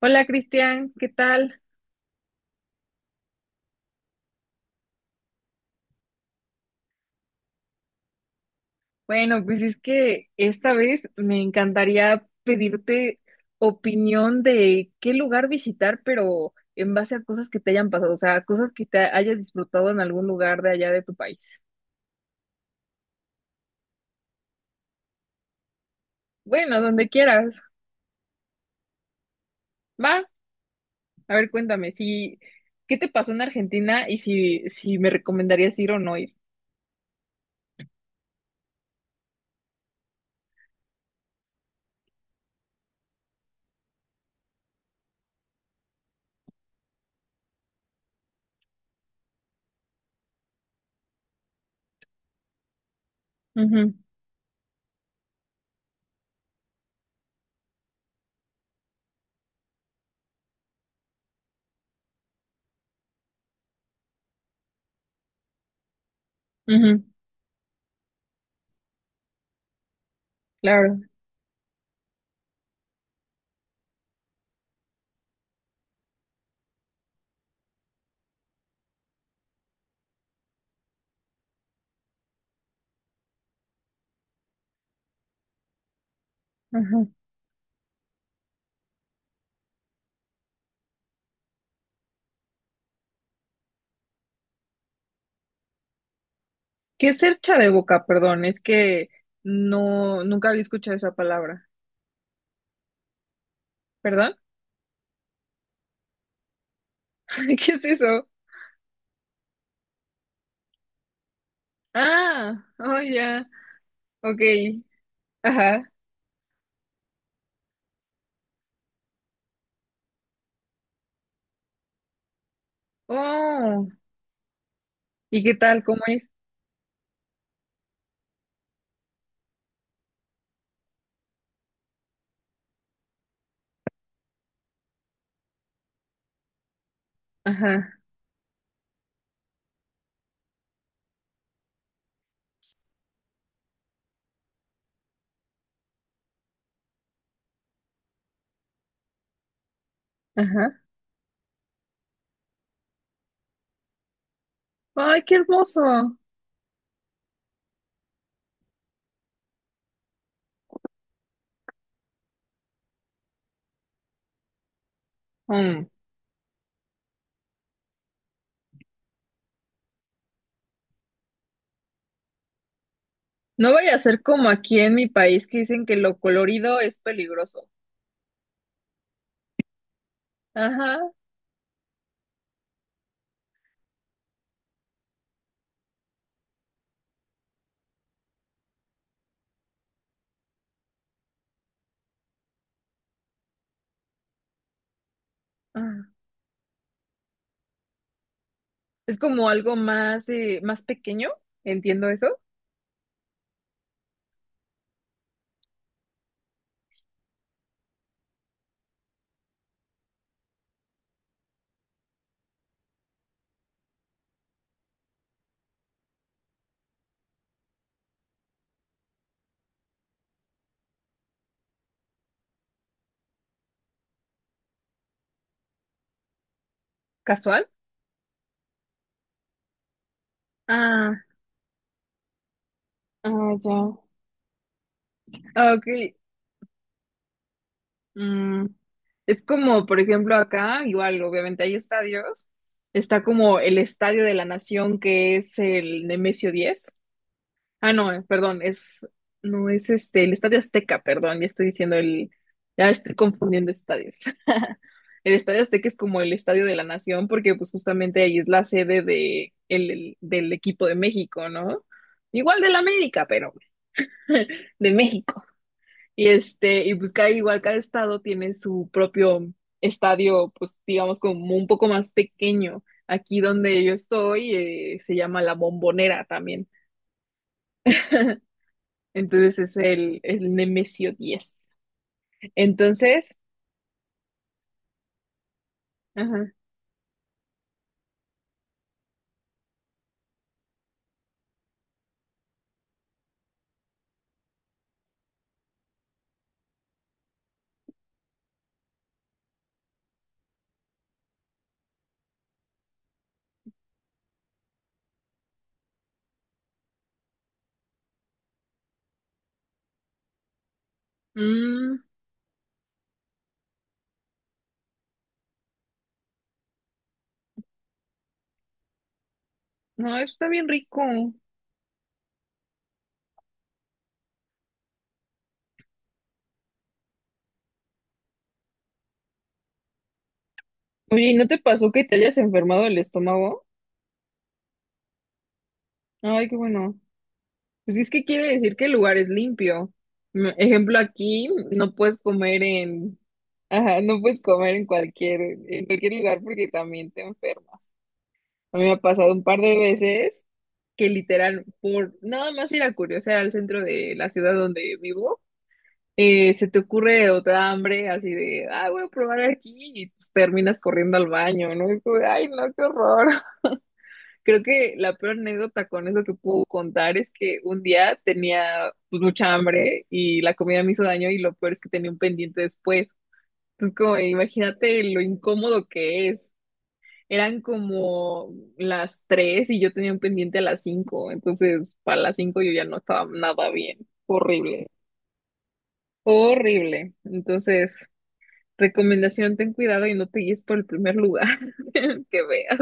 Hola Cristian, ¿qué tal? Bueno, pues es que esta vez me encantaría pedirte opinión de qué lugar visitar, pero en base a cosas que te hayan pasado, o sea, cosas que te hayas disfrutado en algún lugar de allá de tu país. Bueno, donde quieras. Va, a ver, cuéntame, si, ¿qué te pasó en Argentina y si me recomendarías ir o no ir? Ujú, ujú, claro. Ujú. ¿Qué es cercha de boca? Perdón, es que no, nunca había escuchado esa palabra. ¿Perdón? ¿Qué es eso? Ah, oh ya, ok, ajá, oh, ¿y qué tal? ¿Cómo es? Ajá, ajá, ay, qué hermoso. Mm. No vaya a ser como aquí en mi país que dicen que lo colorido es peligroso. Ajá, ah. Es como algo más, más pequeño, entiendo eso, casual. Ah, ah, ya. Ah, ok. Mm, es como, por ejemplo, acá, igual, obviamente hay estadios. Está como el Estadio de la Nación, que es el Nemesio 10. Ah, no, perdón, es, no, es este, el Estadio Azteca. Perdón, ya estoy diciendo el, ya estoy confundiendo estadios. El Estadio Azteca es como el Estadio de la Nación, porque pues justamente ahí es la sede del equipo de México, ¿no? Igual del América, pero de México. Y este, y pues igual cada estado tiene su propio estadio, pues digamos como un poco más pequeño. Aquí donde yo estoy, se llama La Bombonera también. Entonces es el Nemesio 10. Entonces, ajá. Mm, no, eso está bien rico. Oye, ¿y no te pasó que te hayas enfermado el estómago? Ay, qué bueno. Pues es que quiere decir que el lugar es limpio. Ejemplo, aquí no puedes comer en... Ajá, no puedes comer en cualquier lugar porque también te enfermas. A mí me ha pasado un par de veces que literal, por nada más ir a curiosear al centro de la ciudad donde vivo, se te ocurre otra hambre así de, ah, voy a probar aquí y pues terminas corriendo al baño, ¿no? Y tú, ay, no, qué horror. Creo que la peor anécdota con eso que puedo contar es que un día tenía, pues, mucha hambre y la comida me hizo daño y lo peor es que tenía un pendiente después. Entonces, como, imagínate lo incómodo que es. Eran como las 3 y yo tenía un pendiente a las 5. Entonces, para las 5 yo ya no estaba nada bien. Horrible, horrible. Entonces, recomendación, ten cuidado y no te guíes por el primer lugar que veas.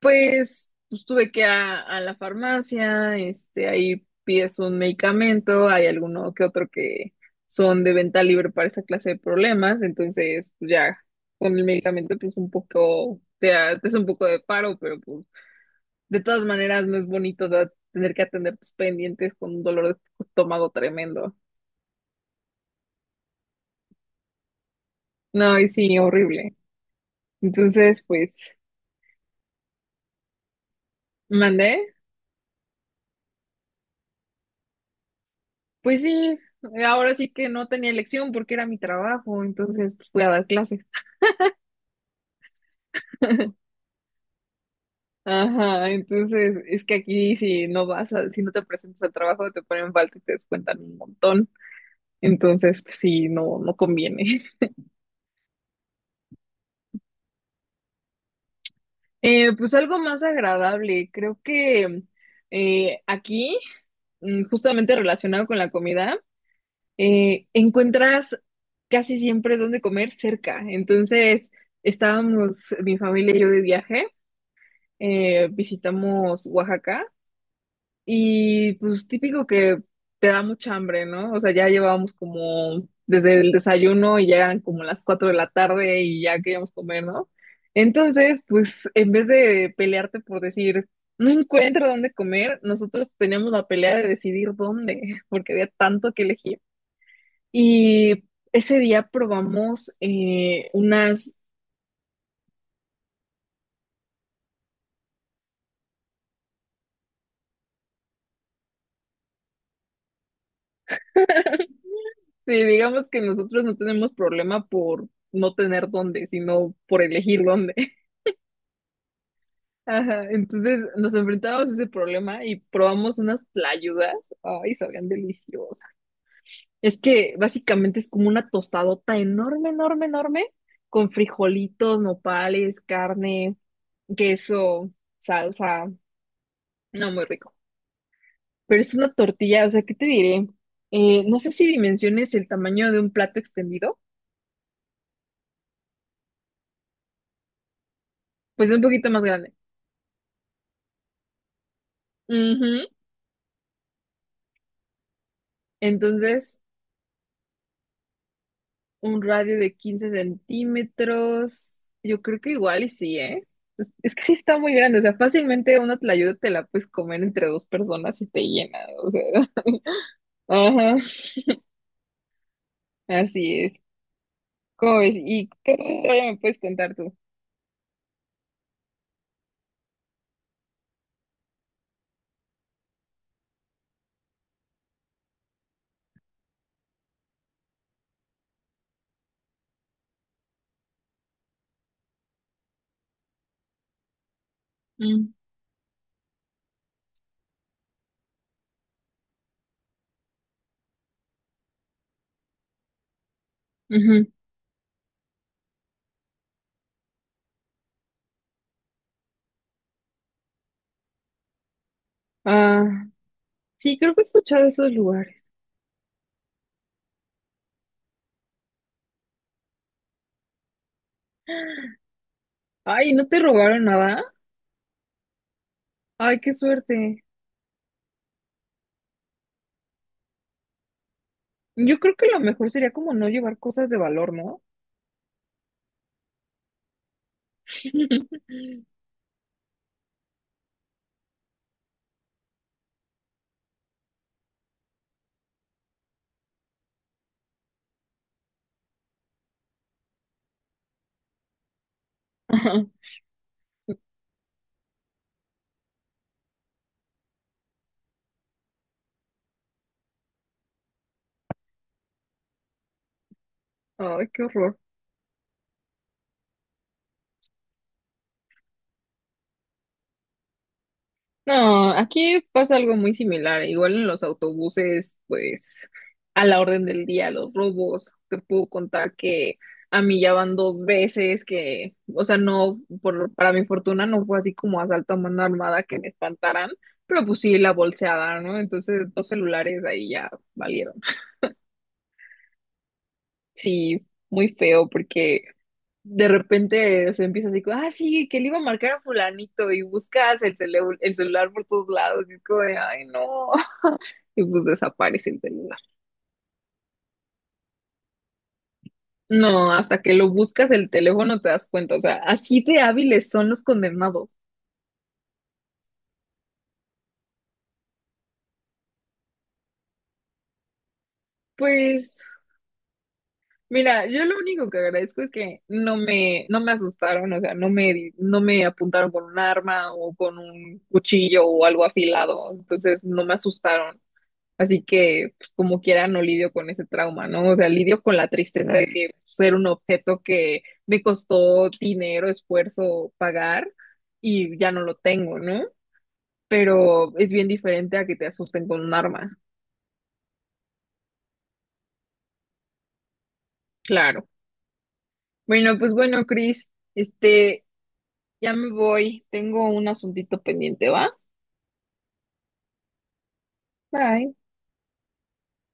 Pues tuve que a la farmacia, este, ahí pides un medicamento, hay alguno que otro que son de venta libre para esa clase de problemas, entonces pues ya con el medicamento pues un poco, te hace un poco de paro, pero pues de todas maneras no es bonito tener que atender tus pendientes con un dolor de estómago tremendo. No, y sí, horrible. Entonces, pues, mandé. Pues sí, ahora sí que no tenía elección porque era mi trabajo, entonces pues, fui a dar clases. Ajá, entonces es que aquí si no te presentas al trabajo te ponen falta y te descuentan un montón. Entonces, pues sí, no, no conviene. Pues algo más agradable, creo que, aquí, justamente relacionado con la comida, encuentras casi siempre dónde comer cerca. Entonces, estábamos mi familia y yo de viaje, visitamos Oaxaca. Y pues típico que te da mucha hambre, ¿no? O sea, ya llevábamos como desde el desayuno y ya eran como las 4 de la tarde y ya queríamos comer, ¿no? Entonces, pues en vez de pelearte por decir, no encuentro dónde comer, nosotros teníamos la pelea de decidir dónde, porque había tanto que elegir. Y ese día probamos, unas... Sí, digamos que nosotros no tenemos problema por no tener dónde, sino por elegir dónde. Ajá, entonces nos enfrentábamos a ese problema y probamos unas tlayudas. Ay, sabían deliciosas. Es que básicamente es como una tostadota enorme, enorme, enorme, con frijolitos, nopales, carne, queso, salsa. No, muy rico. Pero es una tortilla, o sea, ¿qué te diré? No sé si dimensiones el tamaño de un plato extendido, pues un poquito más grande. Ujú. Entonces, un radio de 15 centímetros. Yo creo que igual y sí, ¿eh? Es que sí está muy grande, o sea, fácilmente una tlayuda te la puedes comer entre dos personas y te llena, o sea. Ajá, así es. ¿Cómo ves? ¿Y qué otra historia me puedes contar tú? Mm, ujú. Ah, sí, creo que he escuchado esos lugares. Ay, ¿no te robaron nada? Ay, qué suerte. Yo creo que lo mejor sería como no llevar cosas de valor, ¿no? Ajá. Ay, qué horror. No, aquí pasa algo muy similar. Igual en los autobuses, pues a la orden del día, los robos. Te puedo contar que a mí ya van dos veces que, o sea, no, para mi fortuna no fue así como asalto a mano armada que me espantaran, pero pues sí la bolseada, ¿no? Entonces dos celulares ahí ya valieron. Sí, muy feo porque de repente se empieza así como, ah, sí, que le iba a marcar a fulanito y buscas el celular por todos lados y es como de, ay, no. Y pues desaparece el celular. No, hasta que lo buscas el teléfono te das cuenta, o sea, así de hábiles son los condenados. Pues mira, yo lo único que agradezco es que no me asustaron, o sea, no me apuntaron con un arma o con un cuchillo o algo afilado, entonces no me asustaron. Así que, pues, como quiera, no lidio con ese trauma, ¿no? O sea, lidio con la tristeza de que ser un objeto que me costó dinero, esfuerzo pagar y ya no lo tengo, ¿no? Pero es bien diferente a que te asusten con un arma, claro. Bueno, pues bueno, Chris, este, ya me voy, tengo un asuntito pendiente, ¿va? Bye.